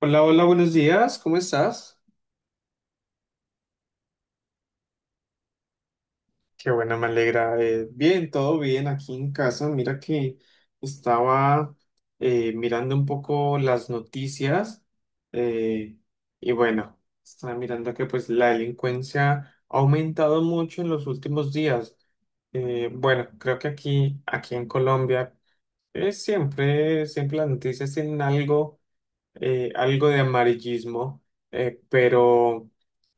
Hola, hola, buenos días, ¿cómo estás? Qué bueno, me alegra. Bien, todo bien aquí en casa. Mira que estaba mirando un poco las noticias eh, y bueno, estaba mirando que pues la delincuencia ha aumentado mucho en los últimos días. Bueno, creo que aquí en Colombia siempre las noticias tienen algo, algo de amarillismo, pero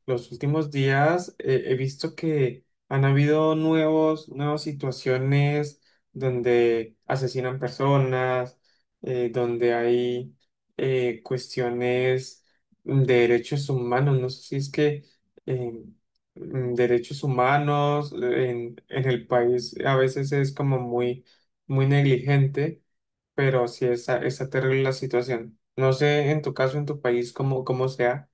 los últimos días he visto que han habido nuevas situaciones donde asesinan personas, donde hay cuestiones de derechos humanos. No sé si es que eh, derechos humanos en el país a veces es como muy negligente, pero sí está terrible la situación. No sé en tu caso, en tu país, cómo sea.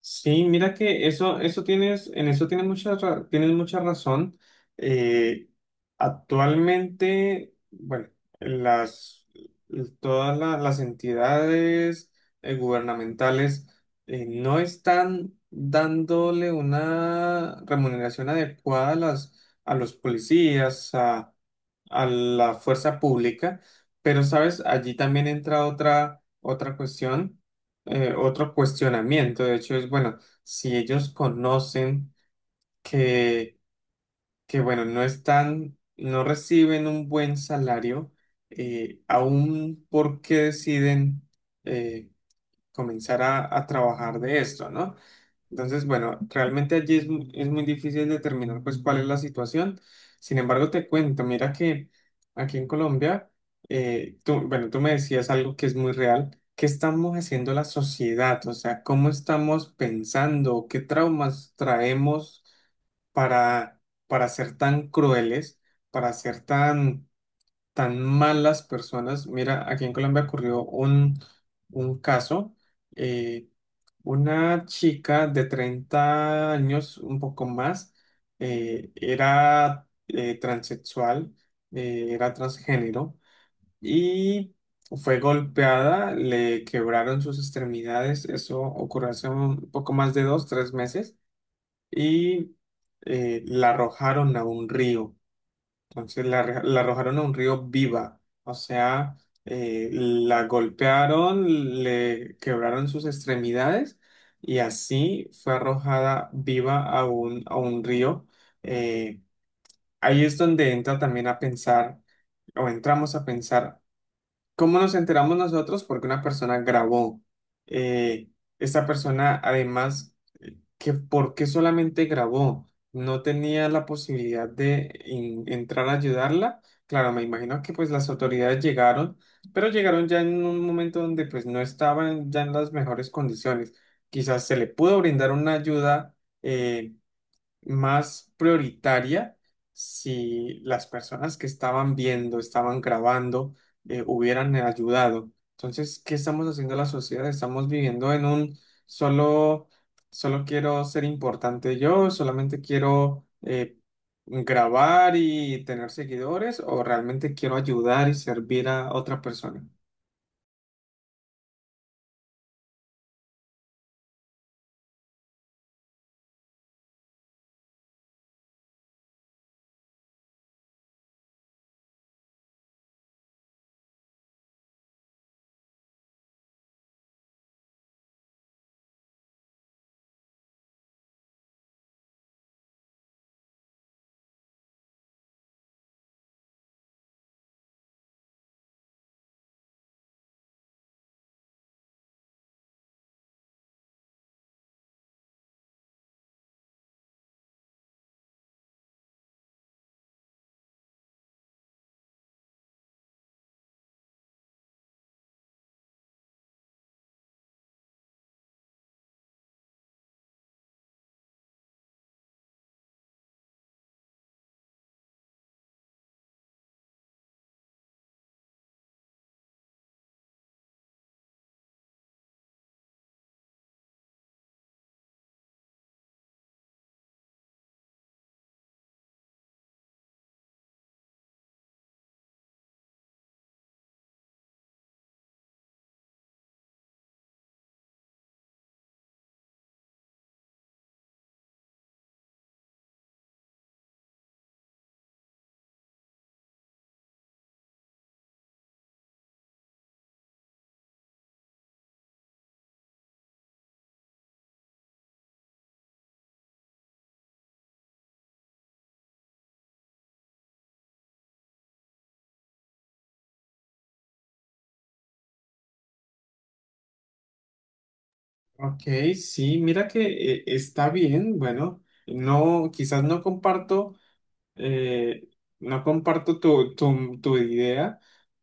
Sí, mira que eso tienes, en eso tienes mucha, tienes mucha razón. Eh, Actualmente, bueno, las, todas las entidades gubernamentales no están dándole una remuneración adecuada a las, a los policías, a la fuerza pública, pero sabes, allí también entra otra cuestión, otro cuestionamiento, de hecho, es, bueno, si ellos conocen que, que bueno, no reciben un buen salario, aún por qué deciden, eh, comenzar a trabajar de esto, ¿no? Entonces, bueno, realmente allí es, es muy difícil determinar pues cuál es la situación. Sin embargo, te cuento, mira que aquí en Colombia, tú, bueno, tú me decías algo que es muy real. ¿Qué estamos haciendo la sociedad? O sea, ¿cómo estamos pensando? ¿Qué traumas traemos para, para ser tan crueles, para ser tan tan malas personas? Mira, aquí en Colombia ocurrió un caso. eh, una chica de 30 años, un poco más, era transexual, era transgénero y fue golpeada, le quebraron sus extremidades. Eso ocurrió hace un poco más de dos, tres meses y la arrojaron a un río. Entonces la arrojaron a un río viva, o sea, la golpearon, le quebraron sus extremidades y así fue arrojada viva a un río. Eh, Ahí es donde entra también a pensar, o entramos a pensar, ¿cómo nos enteramos nosotros? Porque una persona grabó. Eh, Esta persona además, ¿que por qué solamente grabó? No tenía la posibilidad de entrar a ayudarla. Claro, me imagino que pues las autoridades llegaron, pero llegaron ya en un momento donde pues no estaban ya en las mejores condiciones. Quizás se le pudo brindar una ayuda eh, más prioritaria si las personas que estaban viendo, estaban grabando, hubieran ayudado. Entonces, ¿qué estamos haciendo la sociedad? Estamos viviendo en un solo, solo quiero ser importante yo, solamente quiero grabar y tener seguidores, o realmente quiero ayudar y servir a otra persona. Ok, sí, mira que está bien, bueno, no, quizás no comparto. Eh, no comparto tu idea,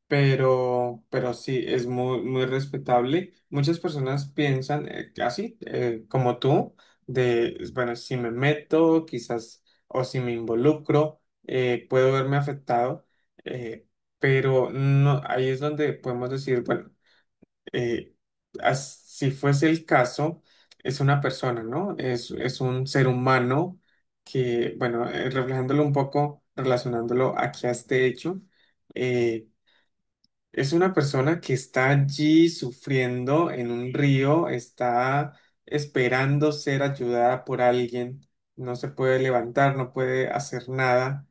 pero sí, es muy respetable. Muchas personas piensan así, como tú, de, bueno, si me meto, quizás, o si me involucro, puedo verme afectado, eh, pero no, ahí es donde podemos decir, bueno, eh, si fuese el caso, es una persona, ¿no? Es un ser humano que, bueno, reflejándolo un poco, relacionándolo aquí a este hecho, eh, es una persona que está allí sufriendo en un río, está esperando ser ayudada por alguien, no se puede levantar, no puede hacer nada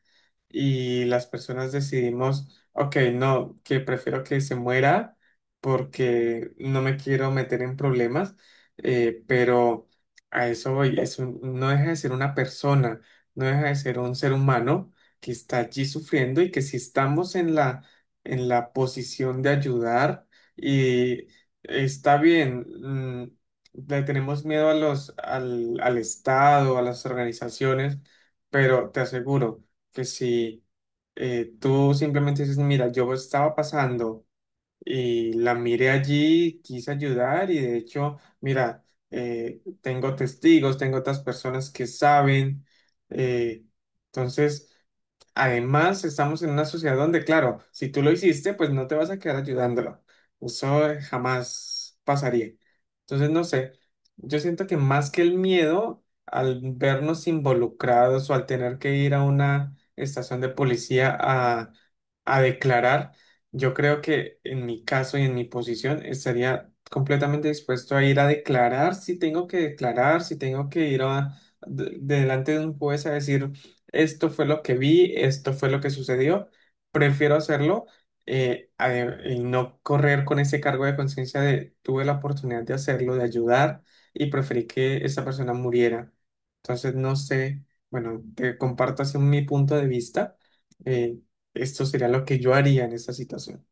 y las personas decidimos, ok, no, que prefiero que se muera porque no me quiero meter en problemas, pero a eso voy, no deja de ser una persona, no deja de ser un ser humano que está allí sufriendo y que si estamos en la posición de ayudar y está bien, mm, le tenemos miedo a los, al, al Estado, a las organizaciones, pero te aseguro que si tú simplemente dices, mira, yo estaba pasando y la miré allí, quise ayudar y de hecho, mira, tengo testigos, tengo otras personas que saben, eh, entonces... Además, estamos en una sociedad donde, claro, si tú lo hiciste, pues no te vas a quedar ayudándolo. Eso jamás pasaría. Entonces, no sé, yo siento que más que el miedo al vernos involucrados o al tener que ir a una estación de policía a declarar, yo creo que en mi caso y en mi posición estaría completamente dispuesto a ir a declarar si tengo que declarar, si tengo que ir delante de un juez a decir esto fue lo que vi, esto fue lo que sucedió, prefiero hacerlo eh, a- y no correr con ese cargo de conciencia de tuve la oportunidad de hacerlo, de ayudar y preferí que esa persona muriera. Entonces, no sé, bueno, te comparto así mi punto de vista, eh, esto sería lo que yo haría en esa situación.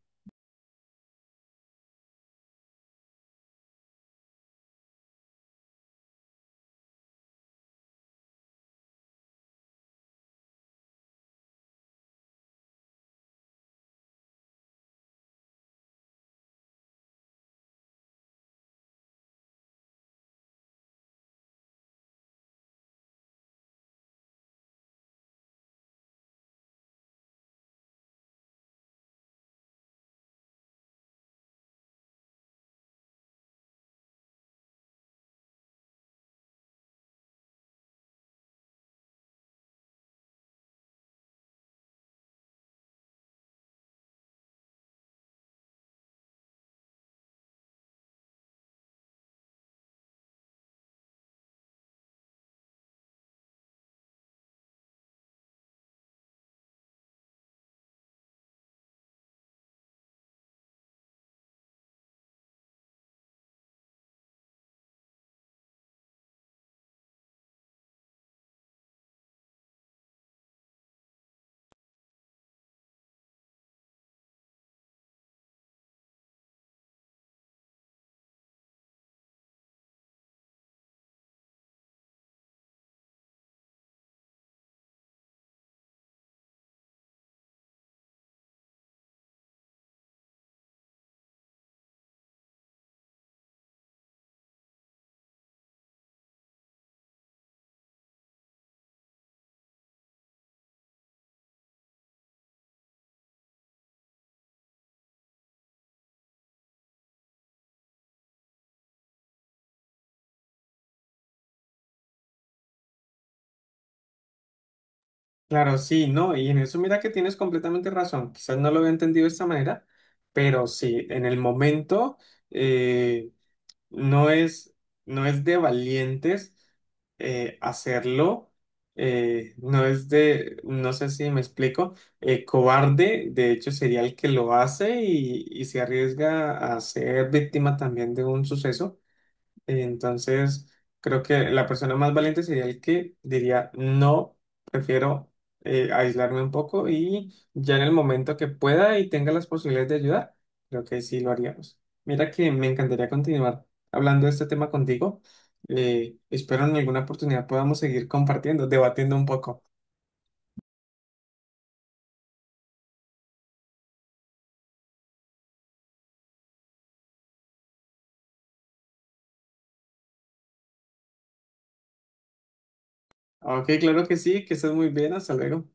Claro, sí, no, y en eso mira que tienes completamente razón, quizás no lo había entendido de esta manera, pero sí, en el momento... eh, no no es de valientes hacerlo, no es de, no sé si me explico, cobarde, de hecho sería el que lo hace y se arriesga a ser víctima también de un suceso. Entonces, creo que la persona más valiente sería el que diría, no, prefiero aislarme un poco y ya en el momento que pueda y tenga las posibilidades de ayudar, creo que sí lo haríamos. Mira que me encantaría continuar hablando de este tema contigo. Espero en alguna oportunidad podamos seguir compartiendo, debatiendo un poco. Ok, claro que sí, que estés muy bien, hasta luego.